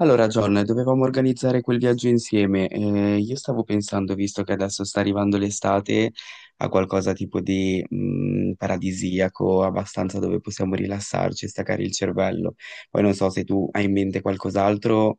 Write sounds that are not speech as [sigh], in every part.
Allora, John, dovevamo organizzare quel viaggio insieme. Io stavo pensando, visto che adesso sta arrivando l'estate, a qualcosa tipo di paradisiaco, abbastanza dove possiamo rilassarci e staccare il cervello. Poi non so se tu hai in mente qualcos'altro,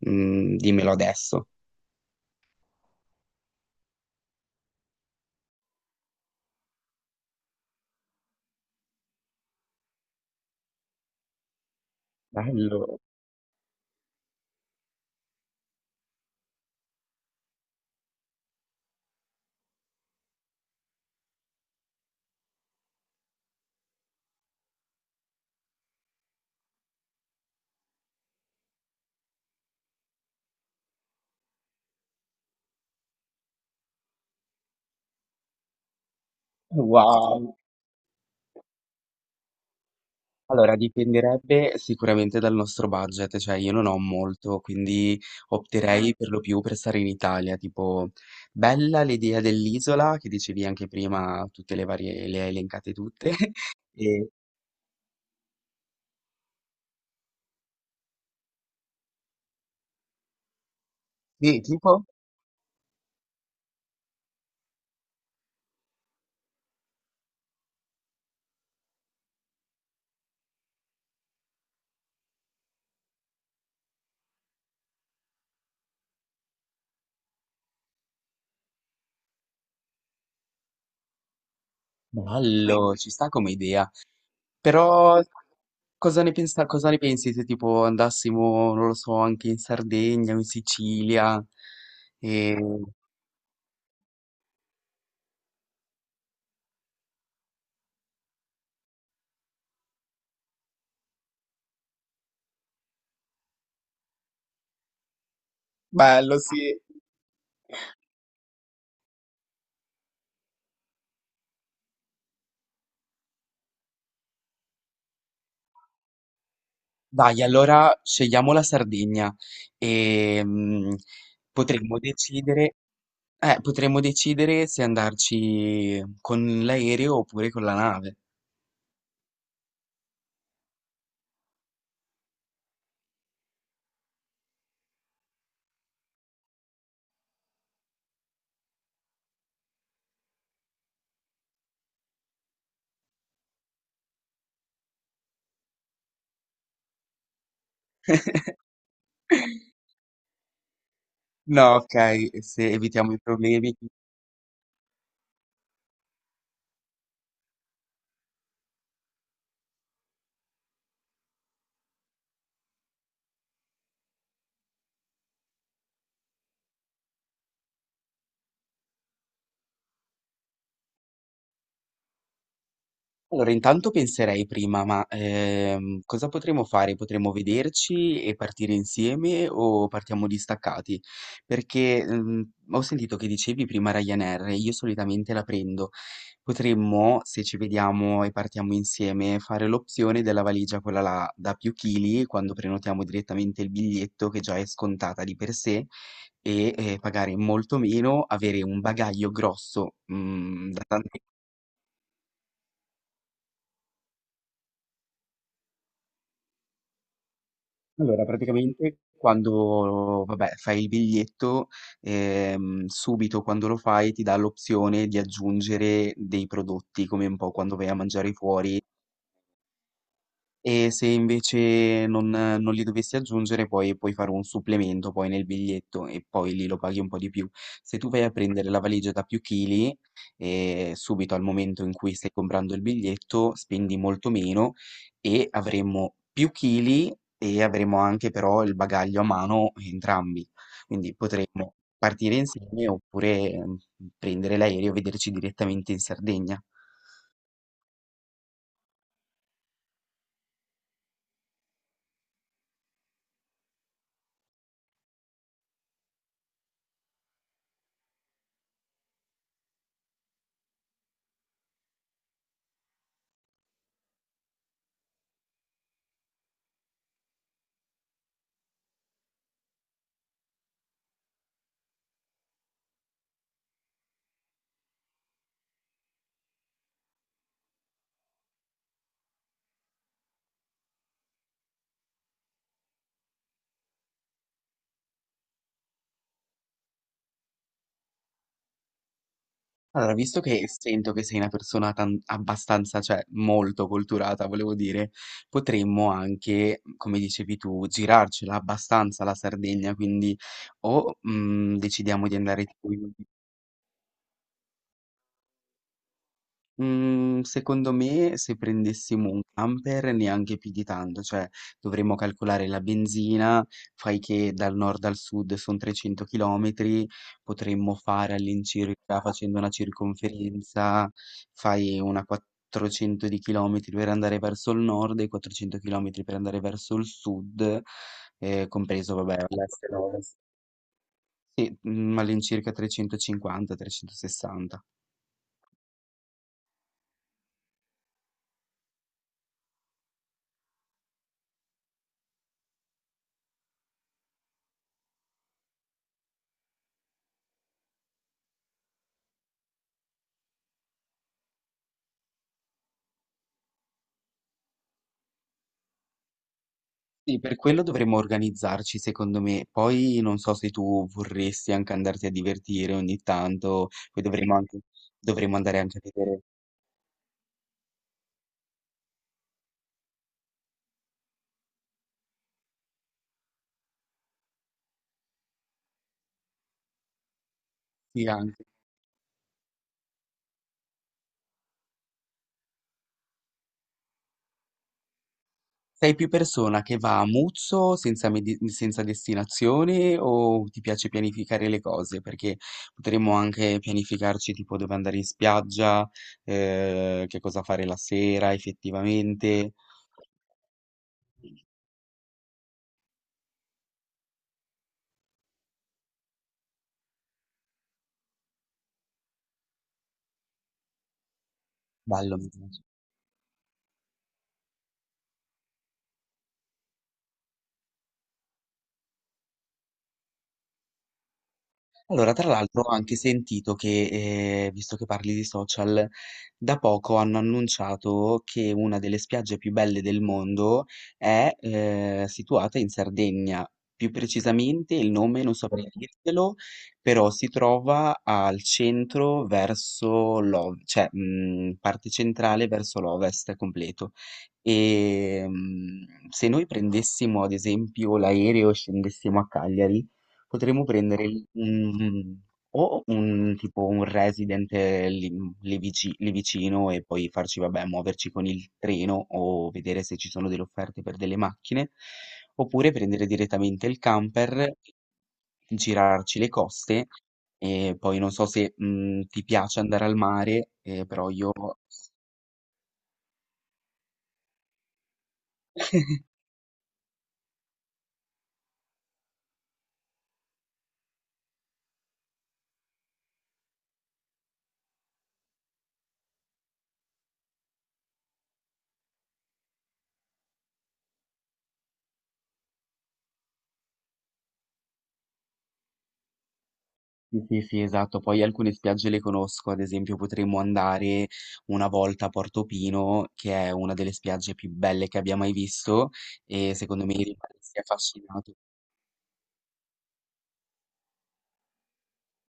dimmelo adesso. Bello, wow. Allora, dipenderebbe sicuramente dal nostro budget, cioè io non ho molto, quindi opterei per lo più per stare in Italia, tipo bella l'idea dell'isola che dicevi anche prima, tutte le varie, le hai elencate tutte, [laughs] e sì, tipo bello, ci sta come idea, però cosa ne pensi se tipo andassimo, non lo so, anche in Sardegna o in Sicilia? E. Bello, sì. Dai, allora scegliamo la Sardegna e potremmo decidere, potremmo decidere se andarci con l'aereo oppure con la nave. [laughs] No, ok, se evitiamo i problemi. Allora, intanto penserei prima, ma cosa potremmo fare? Potremmo vederci e partire insieme o partiamo distaccati? Perché ho sentito che dicevi prima Ryanair, e io solitamente la prendo. Potremmo, se ci vediamo e partiamo insieme, fare l'opzione della valigia, quella là da più chili, quando prenotiamo direttamente il biglietto che già è scontata di per sé e pagare molto meno, avere un bagaglio grosso, da tante. Allora, praticamente quando, vabbè, fai il biglietto, subito quando lo fai ti dà l'opzione di aggiungere dei prodotti, come un po' quando vai a mangiare fuori, e se invece non li dovessi aggiungere poi puoi fare un supplemento poi nel biglietto e poi lì lo paghi un po' di più. Se tu vai a prendere la valigia da più chili, subito al momento in cui stai comprando il biglietto spendi molto meno e avremo più chili e avremo anche però il bagaglio a mano entrambi. Quindi potremmo partire insieme oppure prendere l'aereo e vederci direttamente in Sardegna. Allora, visto che sento che sei una abbastanza, cioè molto culturata, volevo dire, potremmo anche, come dicevi tu, girarcela abbastanza la Sardegna, quindi o decidiamo di andare tipo in. Mhmm, secondo me se prendessimo un camper neanche più di tanto, cioè dovremmo calcolare la benzina, fai che dal nord al sud son 300 chilometri, potremmo fare all'incirca, facendo una circonferenza, fai una 400 di chilometri per andare verso il nord e 400 chilometri per andare verso il sud, compreso vabbè l'est e l'ovest. Sì, mhmm, all'incirca 350, 360. Sì, per quello dovremmo organizzarci, secondo me. Poi non so se tu vorresti anche andarti a divertire ogni tanto, poi dovremmo anche, dovremmo andare anche a vedere. Sì, anche. Sei più persona che va a muzzo senza, senza destinazione o ti piace pianificare le cose? Perché potremmo anche pianificarci tipo dove andare in spiaggia, che cosa fare la sera effettivamente. Ballo. Allora, tra l'altro ho anche sentito che, visto che parli di social, da poco hanno annunciato che una delle spiagge più belle del mondo è, situata in Sardegna. Più precisamente il nome non saprei dirtelo, però si trova al centro verso parte centrale verso l'ovest completo. Se noi prendessimo ad esempio l'aereo e scendessimo a Cagliari, potremmo prendere un, o un tipo un resident lì, lì vicino e poi farci, vabbè, muoverci con il treno o vedere se ci sono delle offerte per delle macchine, oppure prendere direttamente il camper, girarci le coste e poi non so se ti piace andare al mare, però io. Sì, sì, sì, esatto. Poi alcune spiagge le conosco, ad esempio potremmo andare una volta a Portofino, che è una delle spiagge più belle che abbia mai visto e secondo me rimarresti affascinato.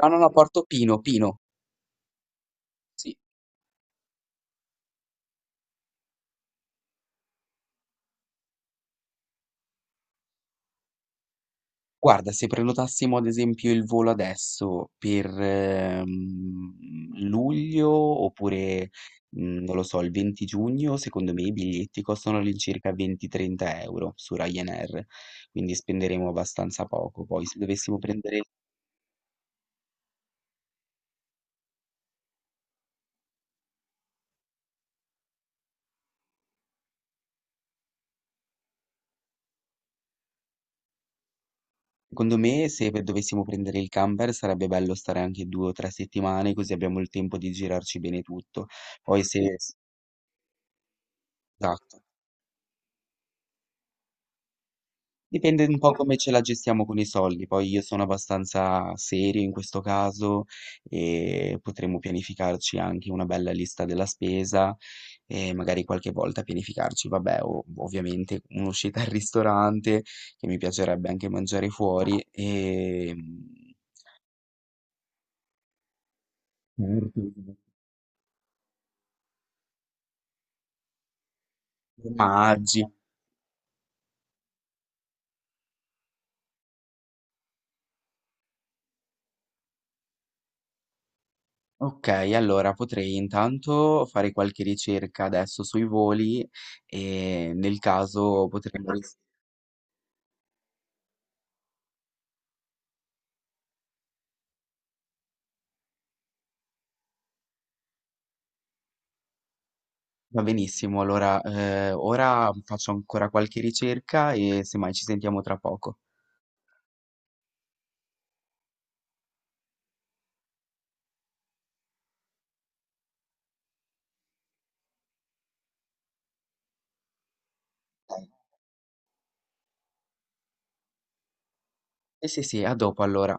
No, no, no, Portofino, Pino, sì. Guarda, se prenotassimo ad esempio il volo adesso per luglio oppure, non lo so, il 20 giugno, secondo me i biglietti costano all'incirca 20-30 € su Ryanair, quindi spenderemo abbastanza poco. Poi se dovessimo prendere, secondo me, se dovessimo prendere il camper sarebbe bello stare anche 2 o 3 settimane, così abbiamo il tempo di girarci bene tutto. Poi se, esatto, dipende un po' come ce la gestiamo con i soldi, poi io sono abbastanza serio in questo caso e potremmo pianificarci anche una bella lista della spesa e magari qualche volta pianificarci, vabbè, ovviamente un'uscita al ristorante che mi piacerebbe anche mangiare fuori e. Certo. Formaggi. Ok, allora potrei intanto fare qualche ricerca adesso sui voli e nel caso potremmo. Va benissimo, allora ora faccio ancora qualche ricerca e semmai ci sentiamo tra poco. Sì, sì, sì, a dopo allora.